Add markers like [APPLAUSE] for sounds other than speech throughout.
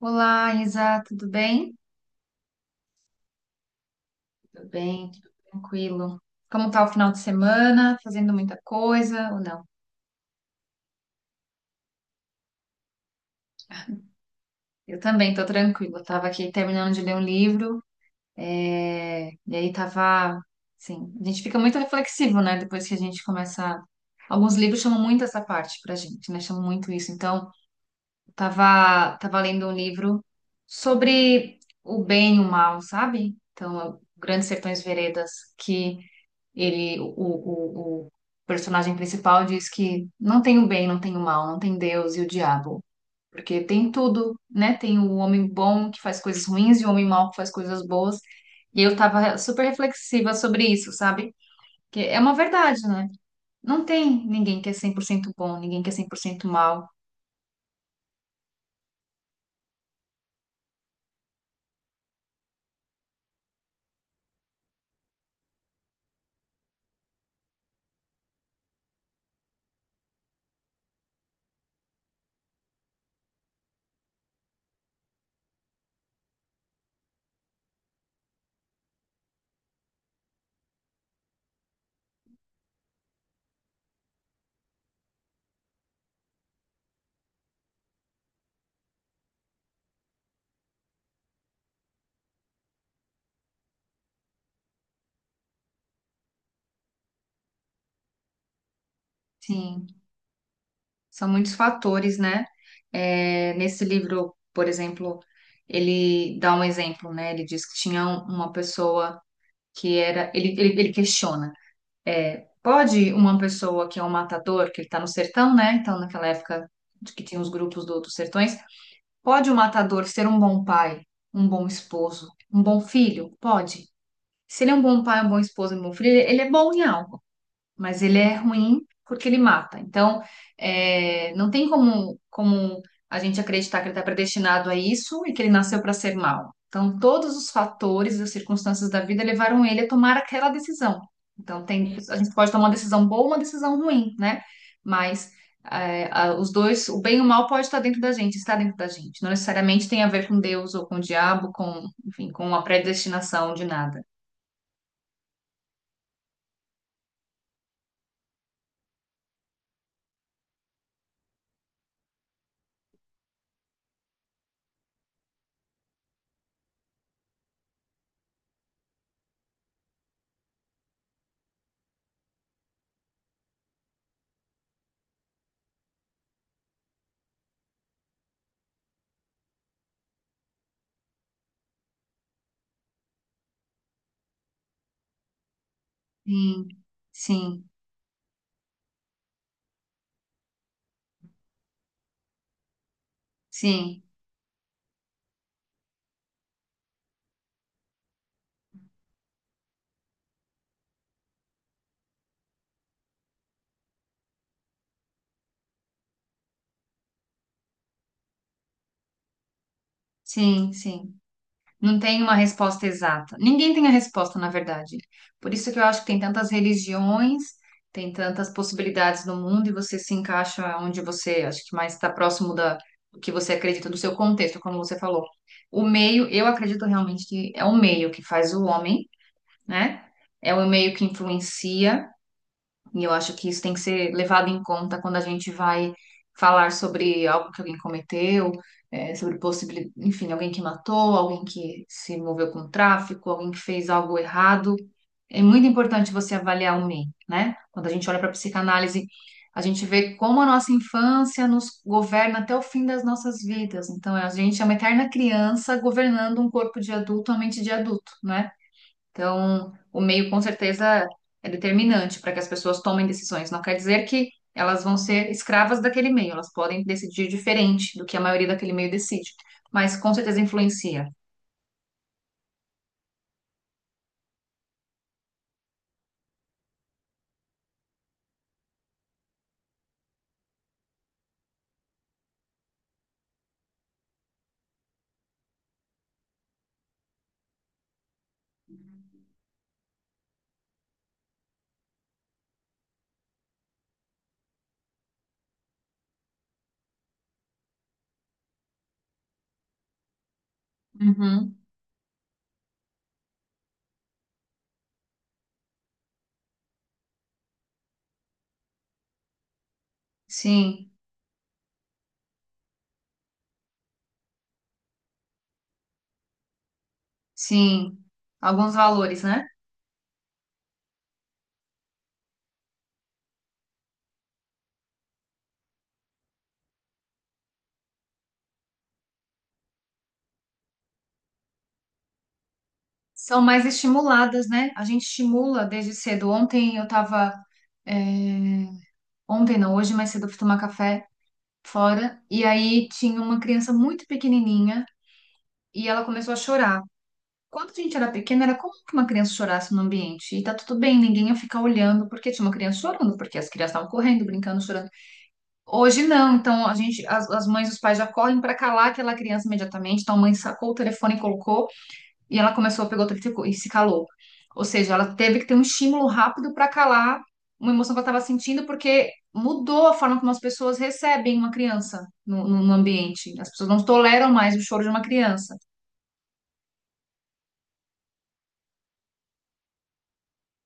Olá, Isa, tudo bem? Tudo bem, tudo tranquilo. Como tá o final de semana? Fazendo muita coisa ou não? Eu também tô tranquila. Tava aqui terminando de ler um livro, e aí tava, assim, a gente fica muito reflexivo, né? Depois que a gente começa, alguns livros chamam muito essa parte pra gente, né? Chamam muito isso. Então, tava lendo um livro sobre o bem e o mal, sabe? Então, Grandes Sertões Veredas, que o personagem principal diz que não tem o bem, não tem o mal, não tem Deus e o diabo. Porque tem tudo, né? Tem o homem bom que faz coisas ruins e o homem mau que faz coisas boas. E eu tava super reflexiva sobre isso, sabe? Que é uma verdade, né? Não tem ninguém que é 100% bom, ninguém que é 100% mal. Sim, são muitos fatores, né? Nesse livro, por exemplo, ele dá um exemplo, né? Ele diz que tinha uma pessoa que era, ele questiona, pode uma pessoa que é um matador, que ele está no sertão, né? Então, naquela época de que tinha os grupos dos sertões, pode o matador ser um bom pai, um bom esposo, um bom filho? Pode. Se ele é um bom pai, um bom esposo, um bom filho, ele é bom em algo, mas ele é ruim porque ele mata. Então, não tem como a gente acreditar que ele está predestinado a isso e que ele nasceu para ser mal. Então, todos os fatores e as circunstâncias da vida levaram ele a tomar aquela decisão. Então, a gente pode tomar uma decisão boa ou uma decisão ruim, né? Mas os dois, o bem e o mal, pode estar dentro da gente, está dentro da gente. Não necessariamente tem a ver com Deus ou com o diabo, enfim, com uma predestinação de nada. Sim, sim, sim, sim, sim. Não tem uma resposta exata. Ninguém tem a resposta, na verdade. Por isso que eu acho que tem tantas religiões, tem tantas possibilidades no mundo, e você se encaixa onde você, acho que, mais está próximo do que você acredita, do seu contexto, como você falou. O meio, eu acredito realmente que é o meio que faz o homem, né? É o meio que influencia. E eu acho que isso tem que ser levado em conta quando a gente vai falar sobre algo que alguém cometeu, sobre possibilidade, enfim, alguém que matou, alguém que se envolveu com tráfico, alguém que fez algo errado. É muito importante você avaliar o meio, né? Quando a gente olha para a psicanálise, a gente vê como a nossa infância nos governa até o fim das nossas vidas. Então, a gente é uma eterna criança governando um corpo de adulto, uma mente de adulto, né? Então, o meio com certeza é determinante para que as pessoas tomem decisões. Não quer dizer que elas vão ser escravas daquele meio, elas podem decidir diferente do que a maioria daquele meio decide, mas com certeza influencia. Uhum. Sim, sim. Alguns valores, né? São mais estimuladas, né? A gente estimula desde cedo. Ontem eu tava. é, Ontem não, hoje mais cedo eu fui tomar café fora. E aí tinha uma criança muito pequenininha e ela começou a chorar. Quando a gente era pequena, era comum que uma criança chorasse no ambiente. E tá tudo bem, ninguém ia ficar olhando porque tinha uma criança chorando, porque as crianças estavam correndo, brincando, chorando. Hoje não, então as mães e os pais já correm para calar aquela criança imediatamente. Então a mãe sacou o telefone e colocou, e ela começou a pegar o telefone e e se calou. Ou seja, ela teve que ter um estímulo rápido para calar uma emoção que ela estava sentindo, porque mudou a forma como as pessoas recebem uma criança no ambiente. As pessoas não toleram mais o choro de uma criança.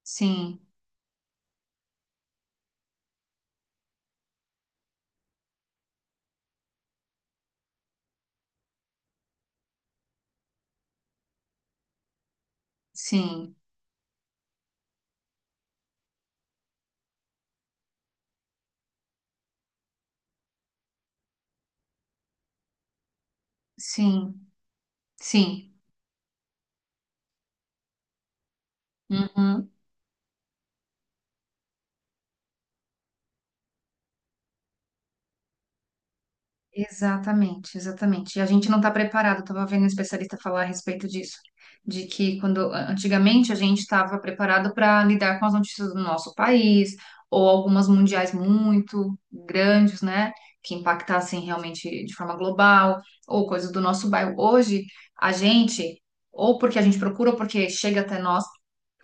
Sim, sim, sim. Sim, uhum, exatamente, exatamente. E a gente não está preparado. Eu estava vendo um especialista falar a respeito disso, de que, quando antigamente a gente estava preparado para lidar com as notícias do nosso país, ou algumas mundiais muito grandes, né, que impactassem realmente de forma global, ou coisas do nosso bairro. Hoje, a gente, ou porque a gente procura, ou porque chega até nós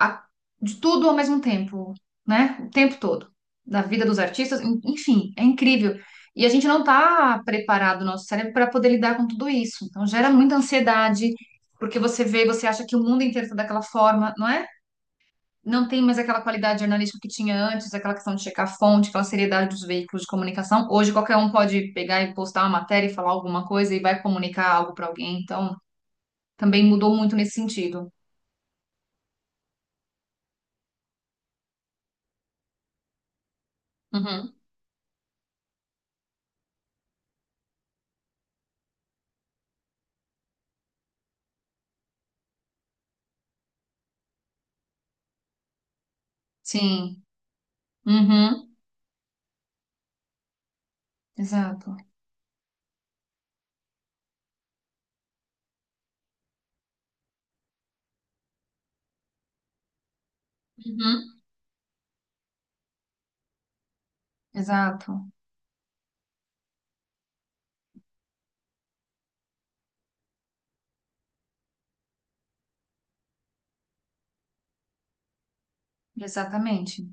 a- de tudo ao mesmo tempo, né? O tempo todo, da vida dos artistas, enfim, é incrível. E a gente não está preparado, o nosso cérebro, para poder lidar com tudo isso. Então gera muita ansiedade, porque você vê, você acha que o mundo inteiro está daquela forma, não é? Não tem mais aquela qualidade jornalística que tinha antes, aquela questão de checar a fonte, aquela seriedade dos veículos de comunicação. Hoje qualquer um pode pegar e postar uma matéria e falar alguma coisa e vai comunicar algo para alguém. Então também mudou muito nesse sentido. Uhum. Sim. Uhum. Exato. Uhum. Exato, exatamente.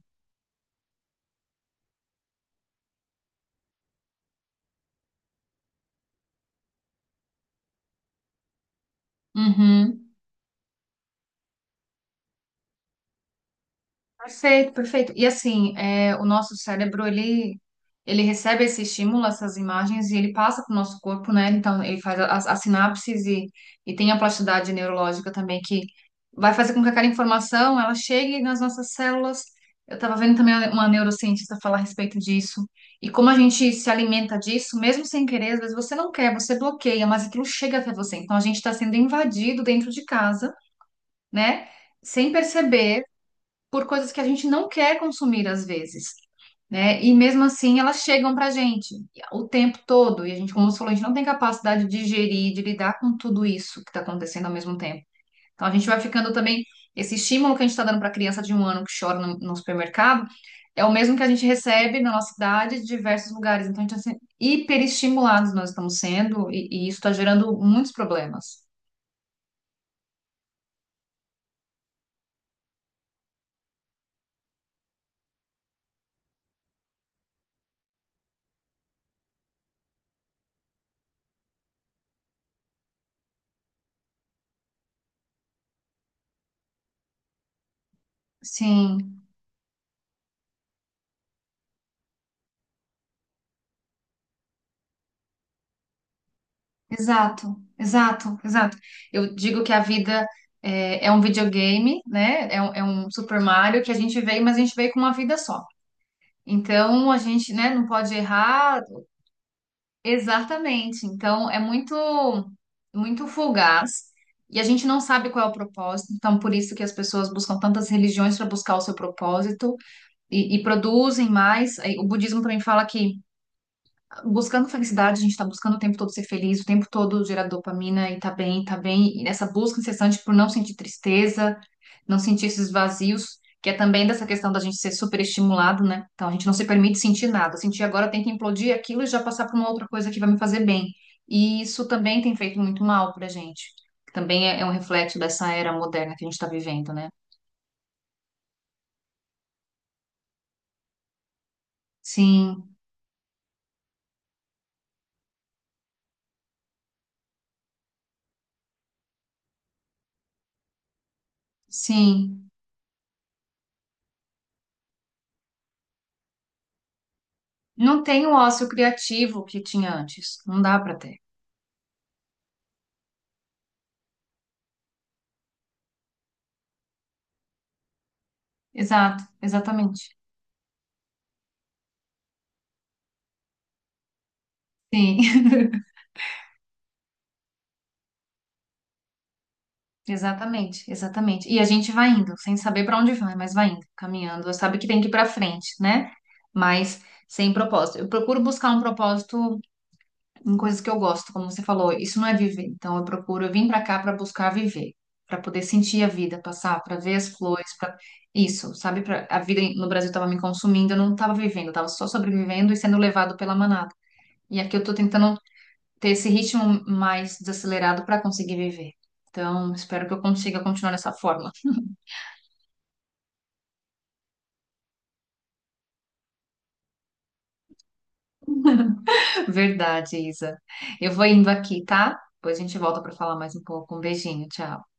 Uhum. Perfeito, perfeito. E assim, o nosso cérebro, ele recebe esse estímulo, essas imagens, e ele passa para o nosso corpo, né? Então, ele faz as sinapses e tem a plasticidade neurológica também, que vai fazer com que aquela informação, ela chegue nas nossas células. Eu estava vendo também uma neurocientista falar a respeito disso. E como a gente se alimenta disso, mesmo sem querer, às vezes você não quer, você bloqueia, mas aquilo chega até você. Então, a gente está sendo invadido dentro de casa, né? Sem perceber, por coisas que a gente não quer consumir às vezes, né? E mesmo assim elas chegam pra gente o tempo todo, e a gente, como você falou, a gente não tem capacidade de gerir, de lidar com tudo isso que tá acontecendo ao mesmo tempo. Então a gente vai ficando também, esse estímulo que a gente tá dando pra criança de 1 ano que chora no supermercado é o mesmo que a gente recebe na nossa cidade, de diversos lugares. Então a gente tá sendo hiperestimulados, nós estamos sendo, e isso está gerando muitos problemas. Sim. Exato, exato, exato. Eu digo que a vida é um videogame, né? É um Super Mario que a gente veio, mas a gente veio com uma vida só. Então a gente, né, não pode errar. Exatamente. Então é muito, muito fugaz, e a gente não sabe qual é o propósito. Então por isso que as pessoas buscam tantas religiões, para buscar o seu propósito e produzem mais. Aí, o budismo também fala que, buscando felicidade, a gente está buscando o tempo todo ser feliz, o tempo todo gerar dopamina e tá bem, tá bem. E nessa busca incessante por não sentir tristeza, não sentir esses vazios, que é também dessa questão da gente ser super estimulado, né? Então a gente não se permite sentir nada. Sentir agora, tem que implodir aquilo e já passar para uma outra coisa que vai me fazer bem. E isso também tem feito muito mal pra gente. Também é um reflexo dessa era moderna que a gente está vivendo, né? Sim, sim. Não tem o ócio criativo que tinha antes. Não dá para ter. Exato, exatamente. Sim, [LAUGHS] exatamente, exatamente. E a gente vai indo, sem saber para onde vai, mas vai indo, caminhando. Sabe que tem que ir para frente, né? Mas sem propósito. Eu procuro buscar um propósito em coisas que eu gosto, como você falou, isso não é viver. Então eu procuro, eu vim para cá para buscar viver, para poder sentir a vida passar, para ver as flores, para isso, sabe? A vida no Brasil estava me consumindo, eu não estava vivendo, eu estava só sobrevivendo e sendo levado pela manada. E aqui eu tô tentando ter esse ritmo mais desacelerado para conseguir viver. Então, espero que eu consiga continuar nessa forma. [LAUGHS] Verdade, Isa. Eu vou indo aqui, tá? Depois a gente volta para falar mais um pouco. Um beijinho, tchau.